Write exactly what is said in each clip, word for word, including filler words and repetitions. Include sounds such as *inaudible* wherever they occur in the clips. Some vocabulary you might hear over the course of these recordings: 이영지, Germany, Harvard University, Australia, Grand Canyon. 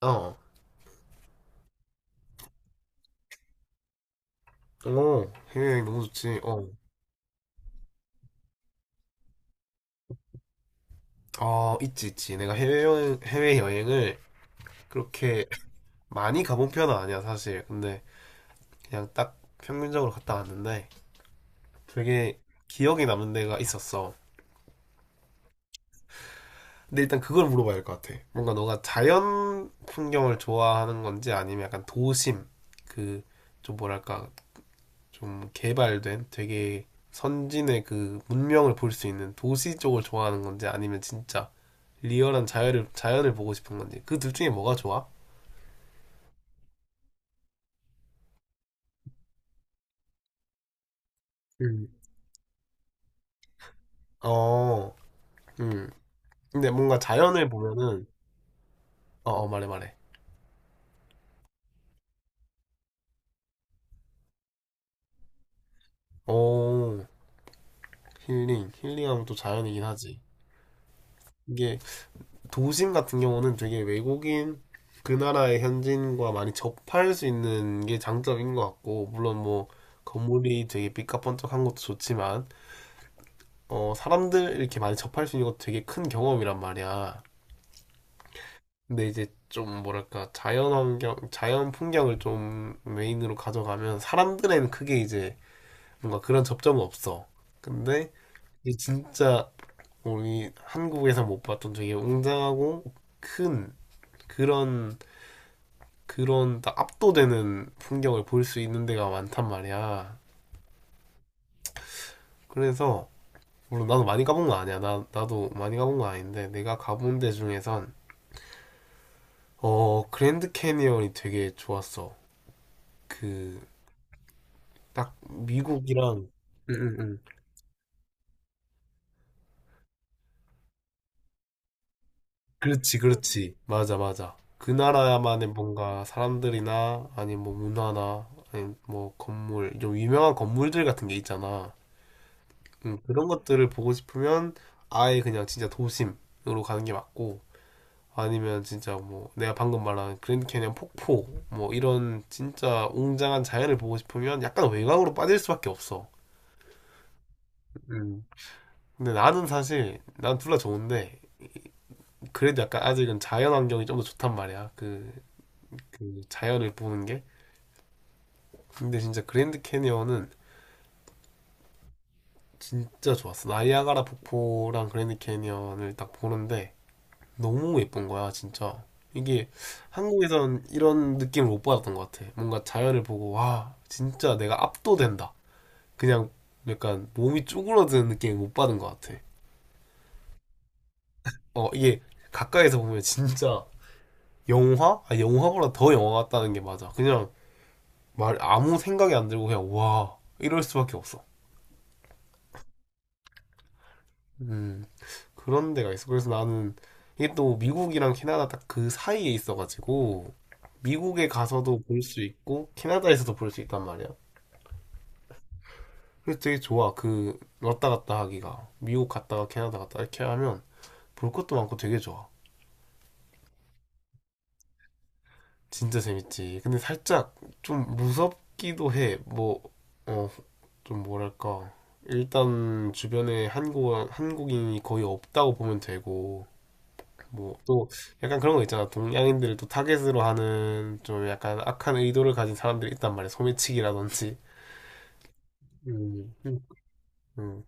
어, 어, 해외여행 너무 좋지. 어, 어, 있지, 있지. 내가 해외여행, 해외여행을 그렇게 *laughs* 많이 가본 편은 아니야, 사실. 근데 그냥 딱 평균적으로 갔다 왔는데 되게 기억에 남는 데가 있었어. 근데 일단 그걸 물어봐야 할 것 같아. 뭔가 너가 자연 풍경을 좋아하는 건지 아니면 약간 도심, 그, 좀 뭐랄까, 좀 개발된 되게 선진의 그 문명을 볼 수 있는 도시 쪽을 좋아하는 건지 아니면 진짜 리얼한 자연을 자연을 보고 싶은 건지 그 둘 중에 뭐가 좋아? 음. 어, 음. 근데 뭔가 자연을 보면은 어, 어 말해 말해. 오, 힐링. 힐링하면 또 자연이긴 하지. 이게 도심 같은 경우는 되게 외국인 그 나라의 현지인과 많이 접할 수 있는 게 장점인 것 같고 물론 뭐 건물이 되게 삐까뻔쩍한 것도 좋지만 어, 사람들 이렇게 많이 접할 수 있는 것도 되게 큰 경험이란 말이야. 근데 이제 좀 뭐랄까 자연 환경, 자연 풍경을 좀 메인으로 가져가면 사람들에는 크게 이제 뭔가 그런 접점은 없어. 근데 이게 진짜 우리 한국에서 못 봤던 되게 웅장하고 큰 그런 그런 딱 압도되는 풍경을 볼 수 있는 데가 많단 말이야. 그래서 물론 나도 많이 가본 건 아니야. 나 나도 많이 가본 건 아닌데 내가 가본 데 중에선 어, 그랜드 캐니언이 되게 좋았어. 그, 딱 미국이랑, 응, 응, 응. 그렇지, 그렇지. 맞아, 맞아. 그 나라만의 뭔가 사람들이나, 아니면 뭐 문화나, 아니면 뭐 건물, 좀 유명한 건물들 같은 게 있잖아. 응, 그런 것들을 보고 싶으면 아예 그냥 진짜 도심으로 가는 게 맞고, 아니면 진짜 뭐 내가 방금 말한 그랜드 캐니언 폭포, 뭐 이런 진짜 웅장한 자연을 보고 싶으면 약간 외곽으로 빠질 수밖에 없어. 음. 근데 나는 사실 난 둘 다 좋은데 그래도 약간 아직은 자연 환경이 좀 더 좋단 말이야. 그, 그 자연을 보는 게. 근데 진짜 그랜드 캐니언은 진짜 좋았어. 나이아가라 폭포랑 그랜드 캐니언을 딱 보는데 너무 예쁜 거야, 진짜. 이게 한국에선 이런 느낌을 못 받았던 것 같아. 뭔가 자연을 보고 와, 진짜 내가 압도된다. 그냥 약간 몸이 쭈그러드는 느낌을 못 받은 것 같아. 어, 이게 가까이서 보면 진짜 영화? 아, 영화보다 더 영화 같다는 게 맞아. 그냥 말 아무 생각이 안 들고 그냥 와 이럴 수밖에 없어. 음 그런 데가 있어. 그래서 나는 이게 또 미국이랑 캐나다 딱 그 사이에 있어가지고 미국에 가서도 볼 수 있고 캐나다에서도 볼 수 있단 말이야. 그래서 되게 좋아. 그 왔다 갔다 하기가 미국 갔다가 캐나다 갔다 이렇게 하면 볼 것도 많고 되게 좋아. 진짜 재밌지. 근데 살짝 좀 무섭기도 해. 뭐, 어, 좀 뭐랄까. 일단 주변에 한국, 한국인이 거의 없다고 보면 되고, 뭐, 또 약간 그런 거 있잖아. 동양인들을 또 타겟으로 하는 좀 약간 악한 의도를 가진 사람들이 있단 말이야. 소매치기라든지. 음, 음, 음.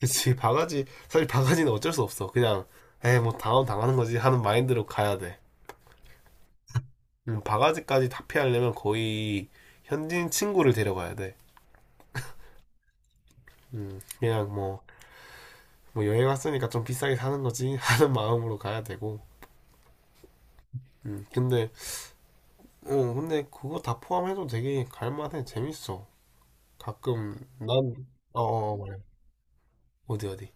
그치. 바가지, 사실 바가지는 어쩔 수 없어. 그냥, 에이, 뭐, 당하면 당하는 거지 하는 마인드로 가야 돼. 음, 바가지까지 다 피하려면 거의 현지인 친구를 데려가야 돼. 음, 그냥 뭐, 뭐 여행 왔으니까 좀 비싸게 사는 거지 *laughs* 하는 마음으로 가야 되고. 음, 근데, 어, 근데 그거 다 포함해도 되게 갈만해. 재밌어. 가끔, 난, 어, 어, 어, 말해. 어디, 어디.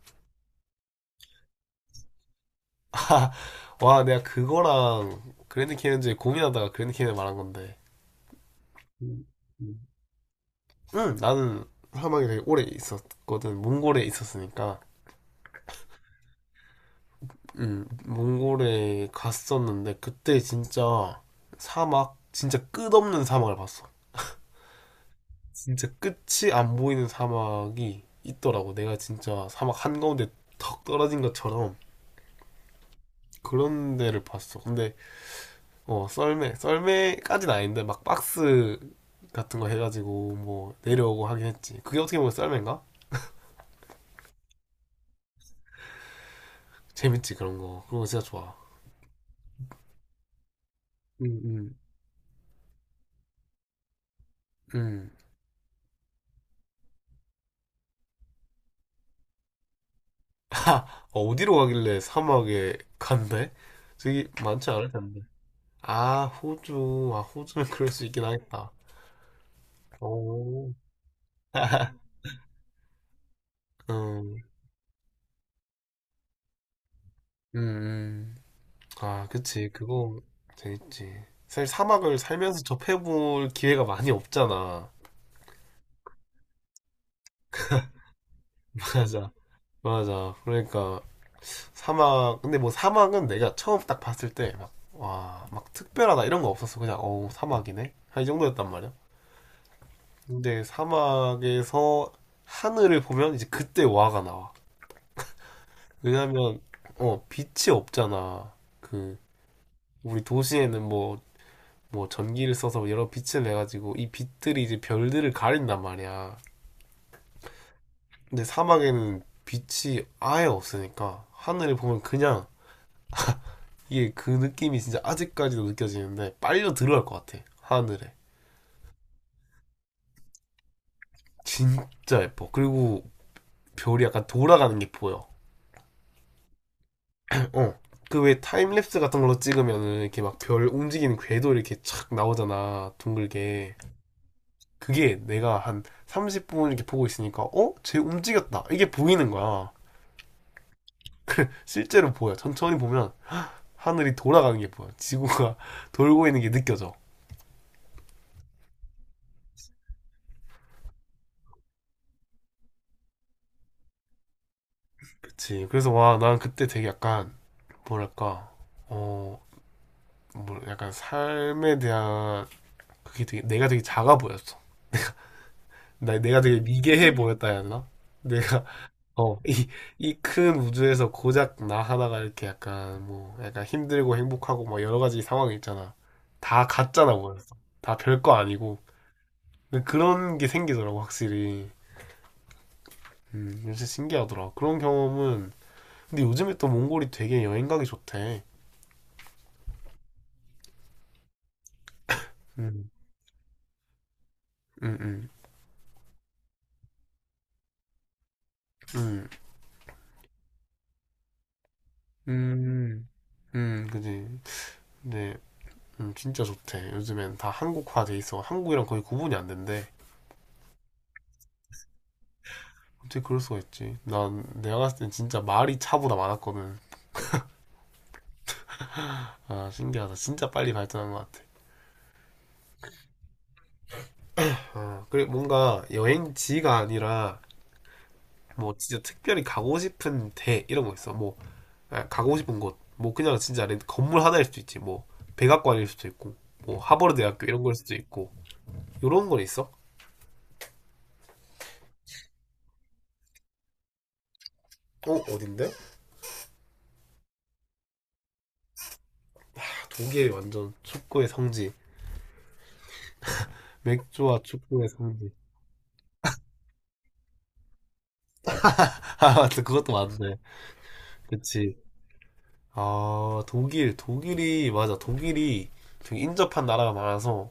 *laughs* 와, 내가 그거랑 그랜드 캐니언즈 고민하다가 그랜드 캐니언 말한 건데. 음, 음. 응, 나는 사막에 되게 오래 있었거든. 몽골에 있었으니까. 음, 몽골에 갔었는데, 그때 진짜 사막, 진짜 끝없는 사막을 봤어. 진짜 끝이 안 보이는 사막이 있더라고. 내가 진짜 사막 한가운데 턱 떨어진 것처럼 그런 데를 봤어. 근데 어 썰매 썰매까지는 아닌데 막 박스 같은 거 해가지고 뭐 내려오고 하긴 했지. 그게 어떻게 보면 썰매인가? 재밌지 그런 거. 그런 거 진짜 좋아. 음, 음, 음. 어, 어디로 가길래 사막에 간대? 저기 많지 않을 텐데. 아, 호주. 아, 호주면 그럴 수 있긴 하겠다. 오. *laughs* 음, 음, 음. 아, 그치. 그거 재밌지. 사실 사막을 살면서 접해볼 기회가 많이 없잖아. *laughs* 맞아. 맞아. 그러니까 사막, 근데 뭐 사막은 내가 처음 딱 봤을 때 막, 와, 막 특별하다 이런 거 없었어. 그냥, 어우, 사막이네? 한 이 정도였단 말이야. 근데 사막에서 하늘을 보면 이제 그때 와가 나와. 왜냐면, 어, 빛이 없잖아. 그, 우리 도시에는 뭐, 뭐 전기를 써서 뭐 여러 빛을 내가지고 이 빛들이 이제 별들을 가린단 말이야. 근데 사막에는 빛이 아예 없으니까 하늘을 보면 그냥 이게 그 느낌이 진짜 아직까지도 느껴지는데 빨려 들어갈 것 같아 하늘에 진짜 예뻐 그리고 별이 약간 돌아가는 게 보여 *laughs* 어 그 왜 타임랩스 같은 걸로 찍으면은 이렇게 막 별 움직이는 궤도 이렇게 착 나오잖아 둥글게 그게 내가 한 삼십 분 이렇게 보고 있으니까 어? 쟤 움직였다 이게 보이는 거야 실제로 보여 천천히 보면 하늘이 돌아가는 게 보여 지구가 *laughs* 돌고 있는 게 느껴져 그치. 그래서 와, 난 그때 되게 약간, 뭐랄까, 어, 뭐, 약간 삶에 대한, 그게 되게, 내가 되게 작아 보였어. 나, 내가 되게 미개해 보였다 해야 되나? 내가, *laughs* 어, 이, 이 큰 우주에서 고작 나 하나가 이렇게 약간, 뭐, 약간 힘들고 행복하고 막 여러 가지 상황이 있잖아. 다 가짜나 보였어. 다 별거 아니고. 근데 그런 게 생기더라고, 확실히. 음, 진짜 신기하더라. 그런 경험은, 근데 요즘에 또 몽골이 되게 여행 가기 좋대. 음. 응, 응. 음, 음, 음, 그지. 근데, 음, 진짜 좋대. 요즘엔 다 한국화 돼 있어. 한국이랑 거의 구분이 안 된대. 어떻게 그럴 수가 있지? 난 내가 갔을 땐 진짜 말이 차보다 많았거든. 아, 신기하다. 진짜 빨리 발전한 것 같아. 아, 그리고 뭔가 여행지가 아니라, 뭐, 진짜 특별히 가고 싶은 데, 이런 거 있어. 뭐, 아, 가고 싶은 곳. 뭐, 그냥 진짜 렌- 건물 하나일 수도 있지. 뭐, 백악관일 수도 있고, 뭐, 하버드 대학교 이런 거일 수도 있고. 요런 건 있어? 어, 어딘데? 독일 완전 축구의 성지. 맥주와 축구의 성지. *laughs* 아, 맞다. 그것도 맞네. 그치. 아, 독일. 독일이, 맞아. 독일이 되게 인접한 나라가 많아서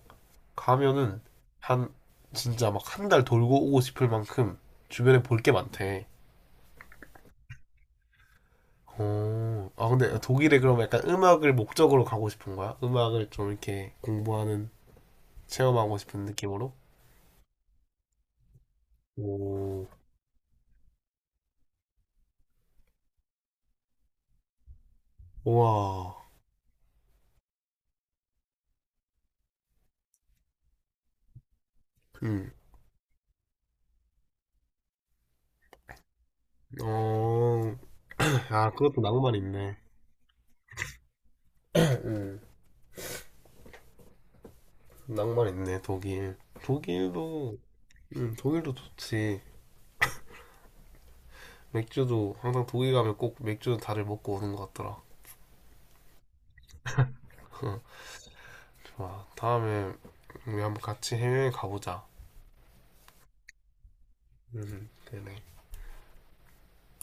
가면은 한, 진짜 막 한 달 돌고 오고 싶을 만큼 주변에 볼 게 많대. 어, 아, 근데 독일에 그럼 약간 음악을 목적으로 가고 싶은 거야? 음악을 좀 이렇게 공부하는, 체험하고 싶은 느낌으로? 오, 우와. 음, 어, 아, 그것도 낭만 있네. 음, 낭만 있네, 독일. 독일도, 음, 독일도 좋지. 맥주도 항상 독일 가면 꼭 맥주 다들 먹고 오는 것 같더라. *laughs* 좋아. 다음에 우리 한번 같이 해외 가보자. 음, 그래.